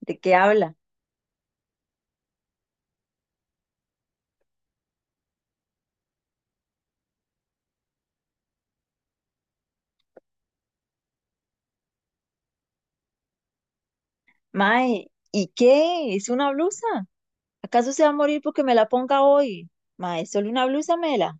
¿De qué habla? Mae, ¿y qué? ¿Es una blusa? ¿Acaso se va a morir porque me la ponga hoy? Mae, ¿es solo una blusa, Mela?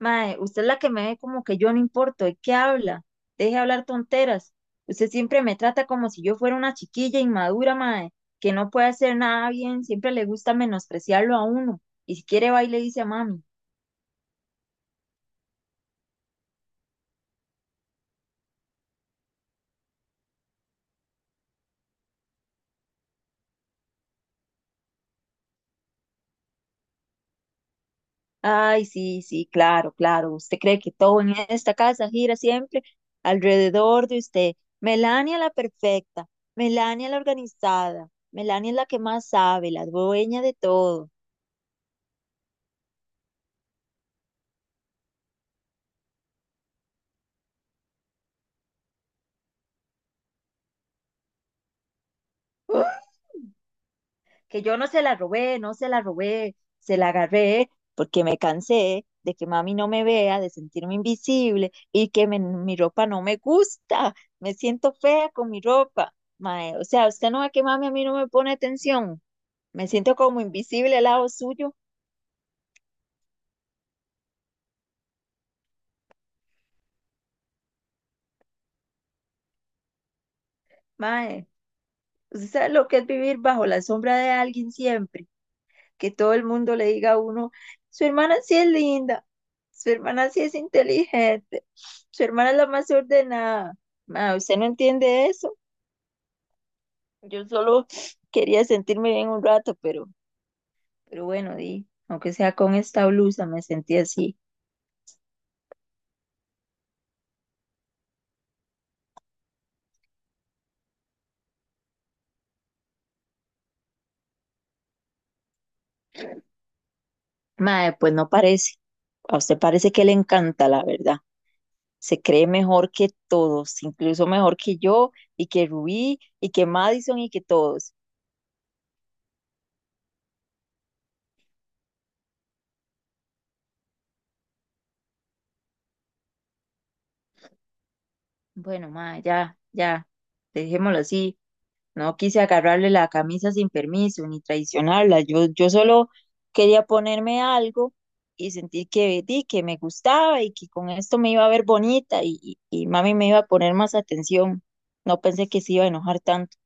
Mae, usted es la que me ve como que yo no importo. ¿De qué habla? Deje de hablar tonteras. Usted siempre me trata como si yo fuera una chiquilla inmadura, mae, que no puede hacer nada bien. Siempre le gusta menospreciarlo a uno. Y si quiere va y le dice a mami. Ay, sí, sí, claro, claro. Usted cree que todo en esta casa gira siempre alrededor de usted. Melania la perfecta, Melania la organizada, Melania es la que más sabe, la dueña de todo. ¡Uh! Que yo no se la robé, no se la robé, se la agarré porque me cansé de que mami no me vea, de sentirme invisible y que mi ropa no me gusta. Me siento fea con mi ropa. Mae, o sea, usted no ve que mami a mí no me pone atención. Me siento como invisible al lado suyo, mae. Usted sabe lo que es vivir bajo la sombra de alguien siempre, que todo el mundo le diga a uno, su hermana sí es linda, su hermana sí es inteligente, su hermana es la más ordenada. Mae, usted no entiende eso. Yo solo quería sentirme bien un rato, pero bueno, di, aunque sea con esta blusa, me sentí así. Mae, pues no parece. A usted parece que le encanta, la verdad. Se cree mejor que todos, incluso mejor que yo y que Rubí y que Madison y que todos. Bueno, ma, ya, ya, dejémoslo así. No quise agarrarle la camisa sin permiso ni traicionarla. Yo solo quería ponerme algo y sentir que, di, que me gustaba y que con esto me iba a ver bonita y mami me iba a poner más atención. No pensé que se iba a enojar tanto.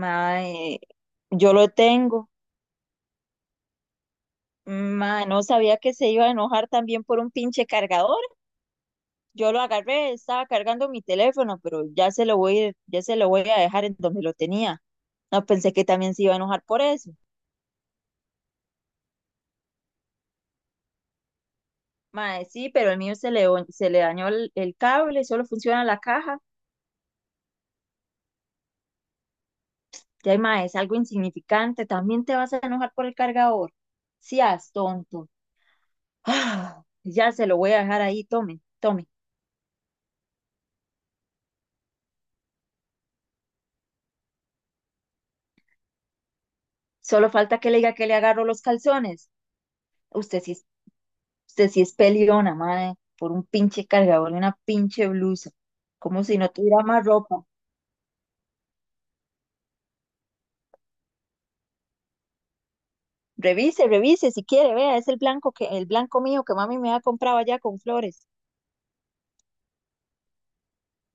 Ma, yo lo tengo. Ma, no sabía que se iba a enojar también por un pinche cargador. Yo lo agarré, estaba cargando mi teléfono, pero ya se lo voy, ya se lo voy a dejar en donde lo tenía. No pensé que también se iba a enojar por eso. Mae, sí, pero el mío se le, se le dañó el cable, solo funciona la caja. Ya, mae, es algo insignificante. También te vas a enojar por el cargador. Seas tonto. Ah, ya se lo voy a dejar ahí, tome, tome. Solo falta que le diga que le agarro los calzones. Usted sí Usted sí es peleona, madre, por un pinche cargador y una pinche blusa. Como si no tuviera más ropa. Revise, revise, si quiere, vea, es el blanco que, el blanco mío que mami me ha comprado allá con flores.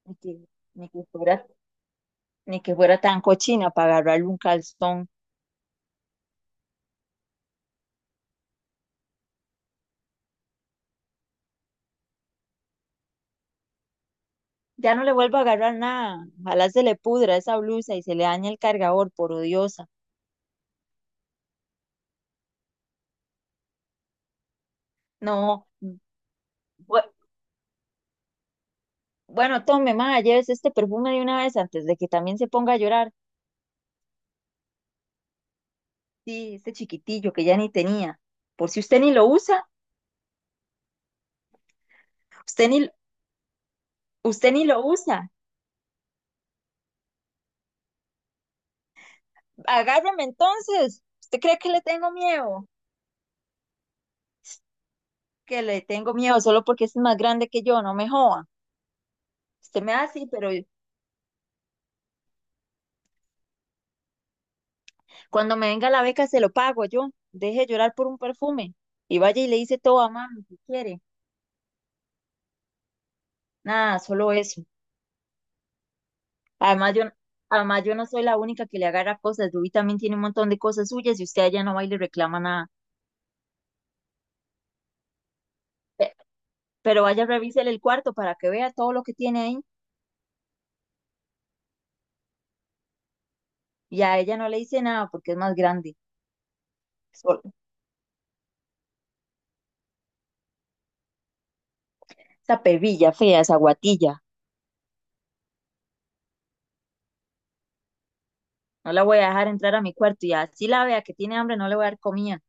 Ni que, ni que fuera, ni que fuera tan cochina para agarrarle un calzón. Ya no le vuelvo a agarrar nada. Ojalá se le pudra esa blusa y se le dañe el cargador, por odiosa. No, bu- bueno, tome, ma, llévese este perfume de una vez antes de que también se ponga a llorar. Sí, este chiquitillo que ya ni tenía. Por si usted ni lo usa. Usted ni, usted ni lo usa. Agárreme entonces. ¿Usted cree que le tengo miedo? Que le tengo miedo solo porque es más grande que yo, no me joda. Usted me hace, sí, pero cuando me venga la beca se lo pago yo. Deje de llorar por un perfume. Y vaya y le dice todo a mami si quiere. Nada, solo eso. Además, yo, además, yo no soy la única que le agarra cosas. Rubí también tiene un montón de cosas suyas y usted allá no va y le reclama nada. Pe- Pero vaya, revísele el cuarto para que vea todo lo que tiene ahí. Y a ella no le dice nada porque es más grande. Esa pebilla fea, esa guatilla. No la voy a dejar entrar a mi cuarto y así la vea que tiene hambre, no le voy a dar comida.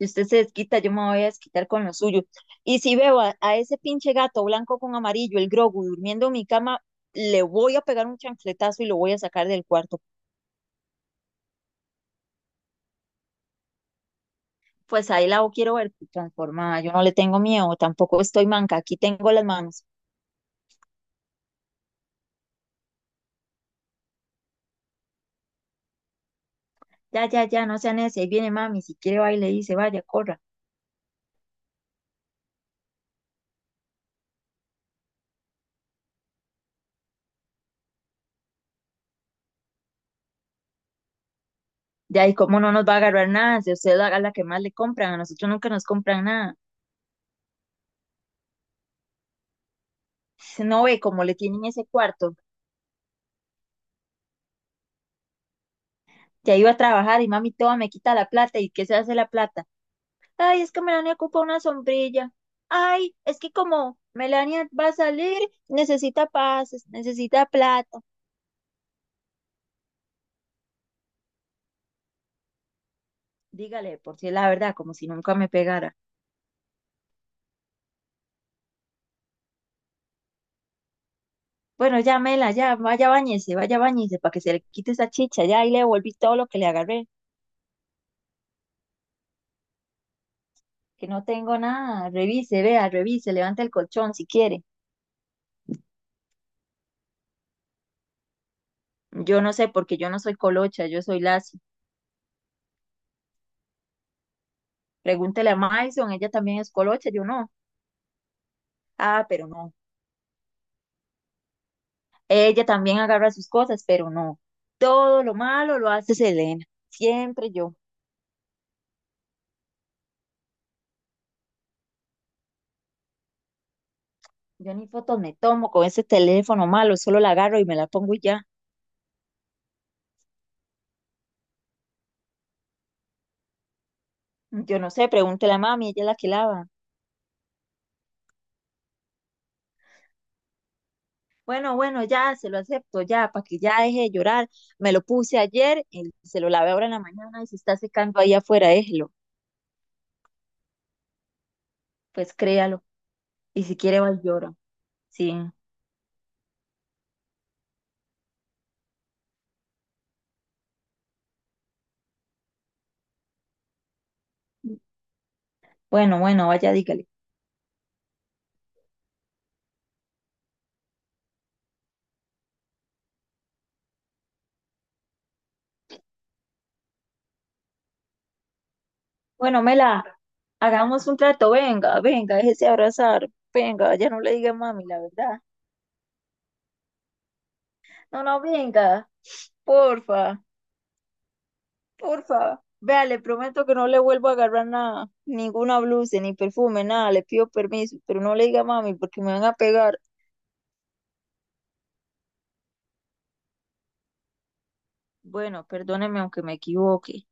Si usted se desquita, yo me voy a desquitar con lo suyo. Y si veo a ese pinche gato blanco con amarillo, el Grogu, durmiendo en mi cama, le voy a pegar un chancletazo y lo voy a sacar del cuarto. Pues ahí la quiero ver pues, transformada. Yo no le tengo miedo, tampoco estoy manca. Aquí tengo las manos. Ya, ya, ya, no sean ese. Ahí viene mami. Si quiere, va y le dice, vaya, corra. Ya, y cómo no nos va a agarrar nada. Si usted haga la que más le compran, a nosotros nunca nos compran nada. No ve cómo le tienen ese cuarto. Ya iba a trabajar y mami toda me quita la plata. ¿Y qué se hace la plata? Ay, es que Melania ocupa una sombrilla. Ay, es que como Melania va a salir, necesita pases, necesita plata. Dígale, por si es la verdad, como si nunca me pegara. Bueno, ya, Mela, ya, vaya bañese, para que se le quite esa chicha, ya, ahí le devolví todo lo que le agarré, que no tengo nada, revise, vea, revise, levante el colchón si quiere. Yo no sé, porque yo no soy colocha, yo soy lacia. Pregúntele a Maison, ella también es colocha, yo no. Ah, pero no. Ella también agarra sus cosas, pero no. Todo lo malo lo hace Selena, siempre yo. Yo ni fotos me tomo con ese teléfono malo, solo la agarro y me la pongo y ya. Yo no sé, pregúntele a mami, ella es la que lava. Bueno, bueno, ya, se lo acepto, ya, para que ya deje de llorar. Me lo puse ayer y se lo lavé ahora en la mañana y se está secando ahí afuera, déjelo. Pues créalo. Y si quiere, va y llora. Sí. Bueno, bueno, vaya, dígale. Bueno, Mela, hagamos un trato, venga, venga, déjese abrazar, venga, ya no le diga mami, la verdad. No, no, venga, porfa, porfa. Vea, le prometo que no le vuelvo a agarrar nada, ninguna blusa, ni perfume, nada, le pido permiso, pero no le diga mami porque me van a pegar. Bueno, perdóneme aunque me equivoque.